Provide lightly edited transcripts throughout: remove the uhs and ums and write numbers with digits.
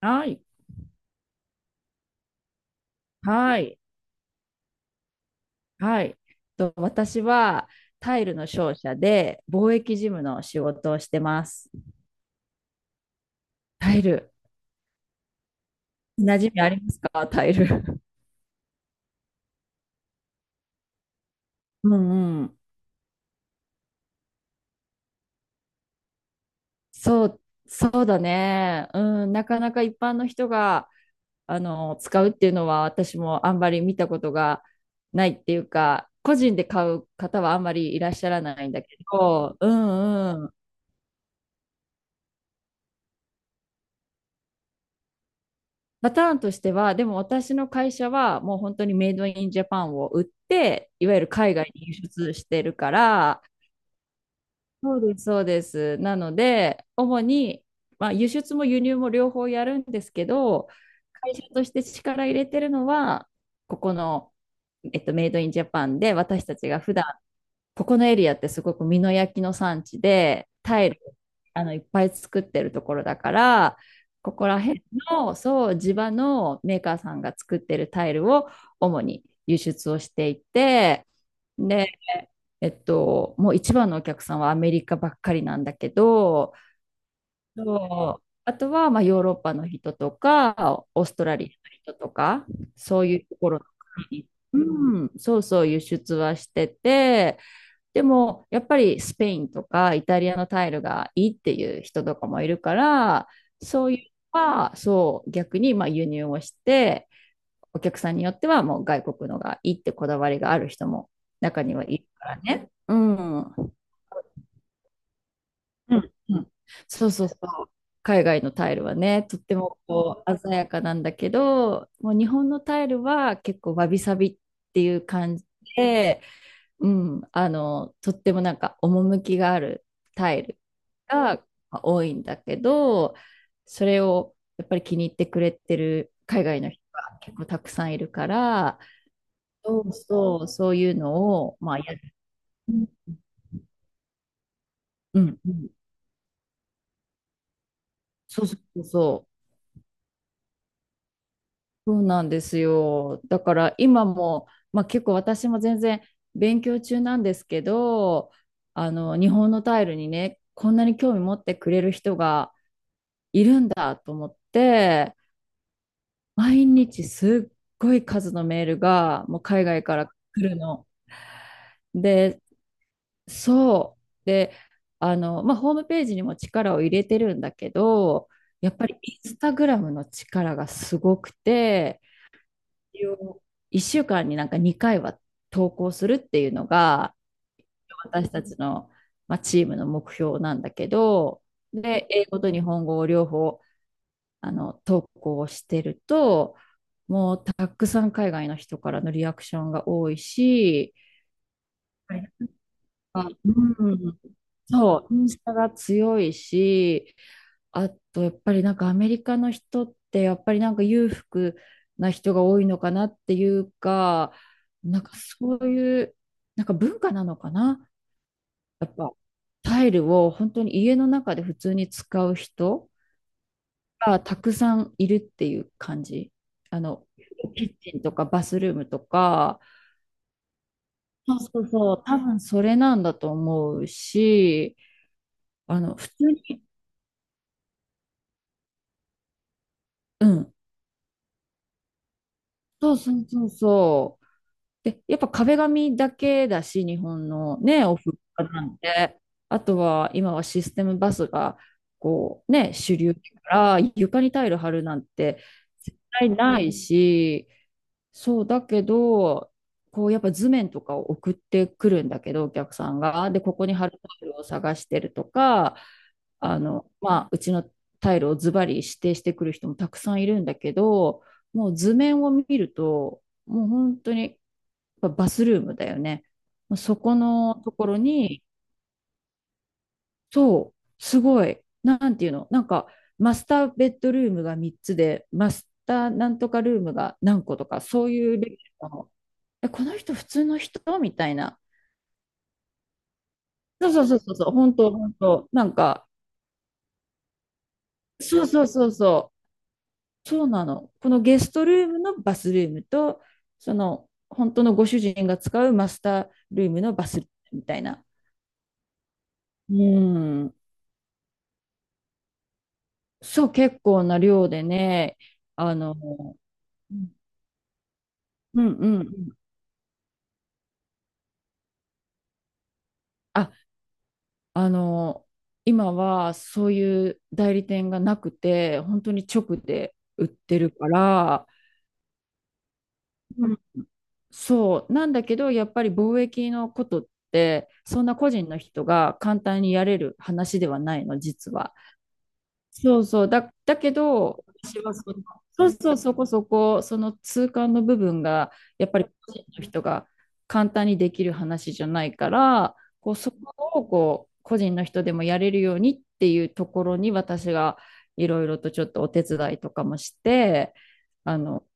はい。はい。はい。私はタイルの商社で貿易事務の仕事をしてます。タイル。馴染みありますかタイル？うんうん。そう、そうだね。うん。なかなか一般の人が、使うっていうのは私もあんまり見たことがないっていうか、個人で買う方はあんまりいらっしゃらないんだけど、うん。パターンとしては、でも私の会社はもう本当にメイドインジャパンを売って、いわゆる海外に輸出してるから、そうです、そうです。なので、主に、まあ、輸出も輸入も両方やるんですけど、会社として力入れてるのは、ここの、メイドインジャパンで私たちが普段ここのエリアってすごく美濃焼きの産地で、タイル、いっぱい作ってるところだから、ここら辺の、そう、地場のメーカーさんが作ってるタイルを主に輸出をしていて、で、もう一番のお客さんはアメリカばっかりなんだけど、そう、あとはまあヨーロッパの人とか、オーストラリアの人とか、そういうところの国に、うん、そうそう輸出はしてて、でも、やっぱりスペインとかイタリアのタイルがいいっていう人とかもいるから、そういうのは、そう、逆にまあ輸入をして、お客さんによってはもう外国のがいいってこだわりがある人も中にはいるからね。うん。うん。うん。そうそうそう。海外のタイルはね、とってもこう鮮やかなんだけど、もう日本のタイルは結構わびさびっていう感じで、うん、とってもなんか趣があるタイルが多いんだけど、それをやっぱり気に入ってくれてる海外の人が結構たくさんいるから、そうそう、そういうのを、まあ、やる。うんうん、うん。そうそうそう、そうなんですよ。だから今も、まあ、結構私も全然勉強中なんですけど、日本のタイルにね、こんなに興味持ってくれる人が、いるんだと思って、毎日すっごい数のメールがもう海外から来るの。で、そう。で、まあ、ホームページにも力を入れてるんだけど、やっぱりインスタグラムの力がすごくて、一週間になんか2回は投稿するっていうのが、私たちの、まあ、チームの目標なんだけど、で、英語と日本語を両方投稿をしてると、もうたくさん海外の人からのリアクションが多いし、はい。あ、うん、そう、インスタが強いし、あとやっぱりなんかアメリカの人ってやっぱりなんか裕福な人が多いのかなっていうか、なんかそういうなんか文化なのかな。やっぱタイルを本当に家の中で普通に使う人がたくさんいるっていう感じ。あの、キッチンとかバスルームとか、そうそうそう、多分それなんだと思うし、普通に、うん、そうそうそうそう。で、やっぱ壁紙だけだし、日本のね、お風呂なんて、あとは今はシステムバスが、こうね、主流だから、床にタイル張るなんて絶対ないし、そうだけど、こうやっぱ図面とかを送ってくるんだけど、お客さんが。で、ここに貼るタイルを探してるとか、まあ、うちのタイルをズバリ指定してくる人もたくさんいるんだけど、もう図面を見ると、もう本当にやっぱバスルームだよね。もうそこのところに、そう、すごい、なんていうの、なんかマスターベッドルームが3つで、マスターなんとかルームが何個とか、そういうレベルの、え、この人普通の人みたいな。そうそうそうそうそう、本当、本当。なんか、そうそうそうそう、そうなの。このゲストルームのバスルームと、その、本当のご主人が使うマスタールームのバスルームみたいな。うん。そう、結構な量でね、あの、うんうんうん。あ、あの、今はそういう代理店がなくて、本当に直で売ってるから、うん。そう。なんだけど、やっぱり貿易のことって、そんな個人の人が簡単にやれる話ではないの、実は。そうそう。だけど、私はその、そうそう、その痛感の部分が、やっぱり個人の人が簡単にできる話じゃないから、こう、そこをこう、個人の人でもやれるようにっていうところに、私がいろいろとちょっとお手伝いとかもして、あの、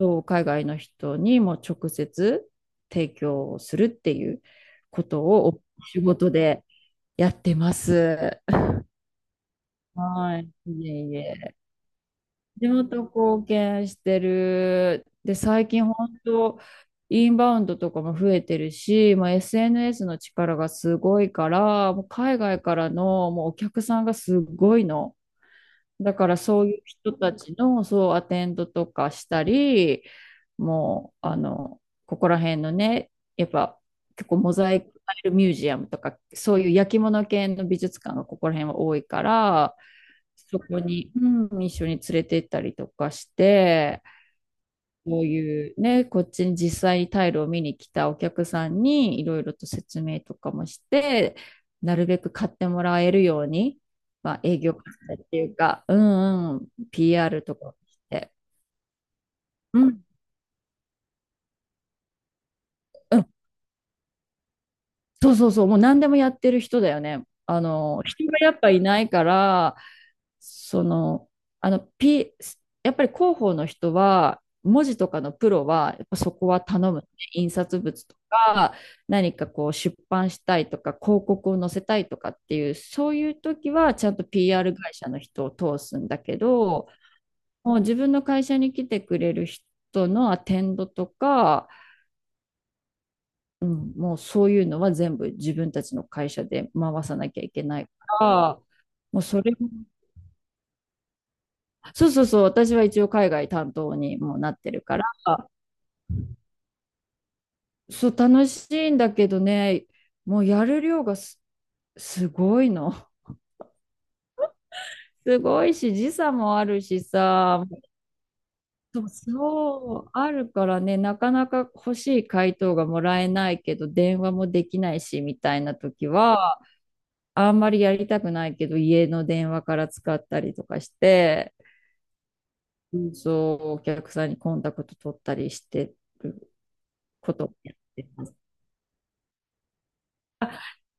そう海外の人にも直接提供をするっていうことをお仕事でやってます。はい。いえいえ。地元貢献してる。で、最近本当、インバウンドとかも増えてるし、まあ、SNS の力がすごいから、もう海外からのもうお客さんがすごいの。だからそういう人たちのそうアテンドとかしたり、もうここら辺のね、やっぱ結構モザイクタイルミュージアムとか、そういう焼き物系の美術館がここら辺は多いから、そこに、うん、一緒に連れて行ったりとかして、こういうね、こっちに実際にタイルを見に来たお客さんにいろいろと説明とかもして、なるべく買ってもらえるように、まあ、営業活動っていうか、うんうん、PR とかして、うん、うん、そうそうそう、もう何でもやってる人だよね。人がやっぱいないから、その、あの、P、やっぱり広報の人は、文字とかのプロは、やっぱそこは頼むね。印刷物とか、何かこう出版したいとか、広告を載せたいとかっていう、そういう時はちゃんと PR 会社の人を通すんだけど、もう自分の会社に来てくれる人のアテンドとか、うん、もうそういうのは全部自分たちの会社で回さなきゃいけないから、もうそれもそうそうそう、私は一応海外担当にもうなってるから、そう、楽しいんだけどね、もうやる量がすごいの。すごいし、時差もあるしさ、そうそう、あるからね、なかなか欲しい回答がもらえないけど、電話もできないし、みたいな時は、あんまりやりたくないけど、家の電話から使ったりとかして、そう、お客さんにコンタクト取ったりしてることをやってます。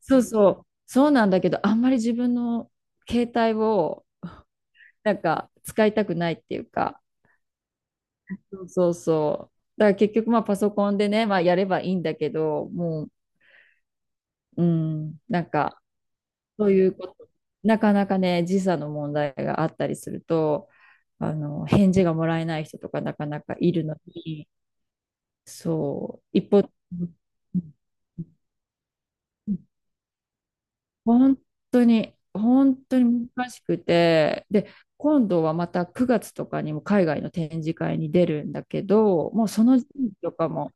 そうそう、そうなんだけど、あんまり自分の携帯をなんか使いたくないっていうか、そうそうそう。だから結局まあパソコンでね、まあやればいいんだけど、もう、うん、なんかそういうこと、なかなかね、時差の問題があったりすると、返事がもらえない人とかなかなかいるのに、そう、一方、うん、本当に、本当に難しくて、で、今度はまた9月とかにも海外の展示会に出るんだけど、もうその時期とかも、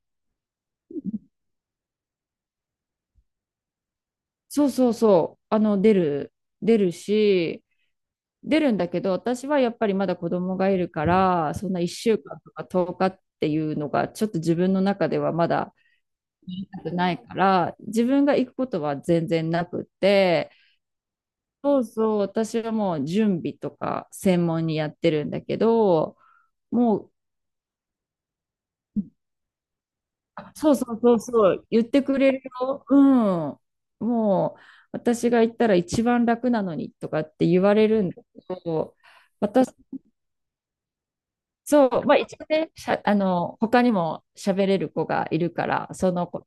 そうそうそう、出るし、出るんだけど、私はやっぱりまだ子供がいるから、そんな1週間とか10日っていうのが、ちょっと自分の中ではまだないから、自分が行くことは全然なくって、そうそう、私はもう準備とか専門にやってるんだけど、もう、そうそうそうそう、言ってくれるよ。うん。もう、私が行ったら一番楽なのにとかって言われるんだけど、私、そう、まあ一応ね、しゃ、あの、他にも喋れる子がいるから、その子と、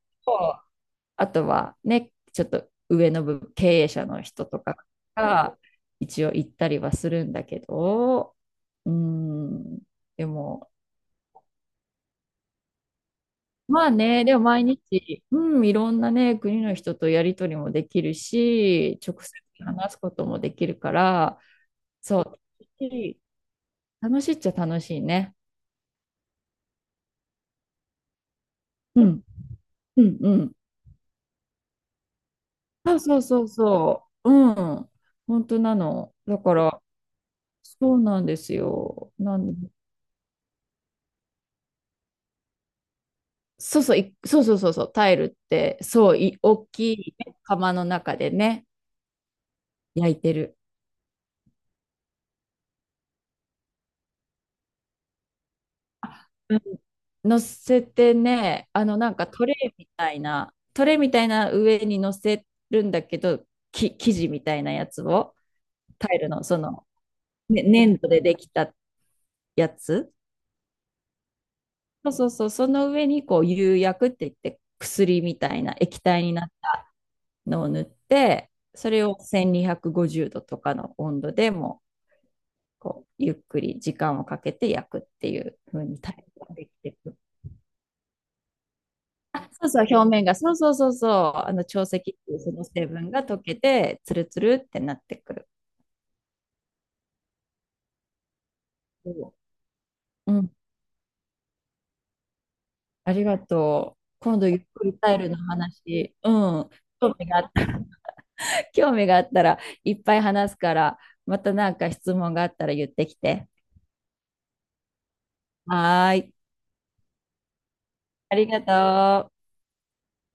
あとはね、ちょっと上の部、経営者の人とかが一応行ったりはするんだけど、うん、でも、まあね、でも毎日、うん、いろんなね、国の人とやり取りもできるし、直接話すこともできるから、そう、楽しいっちゃ楽しいね。うん、うん、うん。そうそうそうそう、うん、本当なの。だから、そうなんですよ。そうそう、そうそうそうそう、タイルって、そう、大きいね釜の中でね、焼いてる。乗せてね、あのなんかトレイみたいな、トレイみたいな上に乗せるんだけど、生地みたいなやつを、タイルのその、ね、粘土でできたやつ。そうそうそう、その上にこう釉薬って言って薬みたいな液体になったのを塗って、それを1250度とかの温度でもこうゆっくり時間をかけて焼くっていう風にタイルができてくる。あ、そうそう、表面が、そうそうそうそう、潮石っていうその成分が溶けて、つるつるってなってくる。そう。うん、ありがとう。今度ゆっくりタイルの話、うん、興味があった、興味があったらいっぱい話すから、またなんか質問があったら言ってきて。はーい、ありがとう。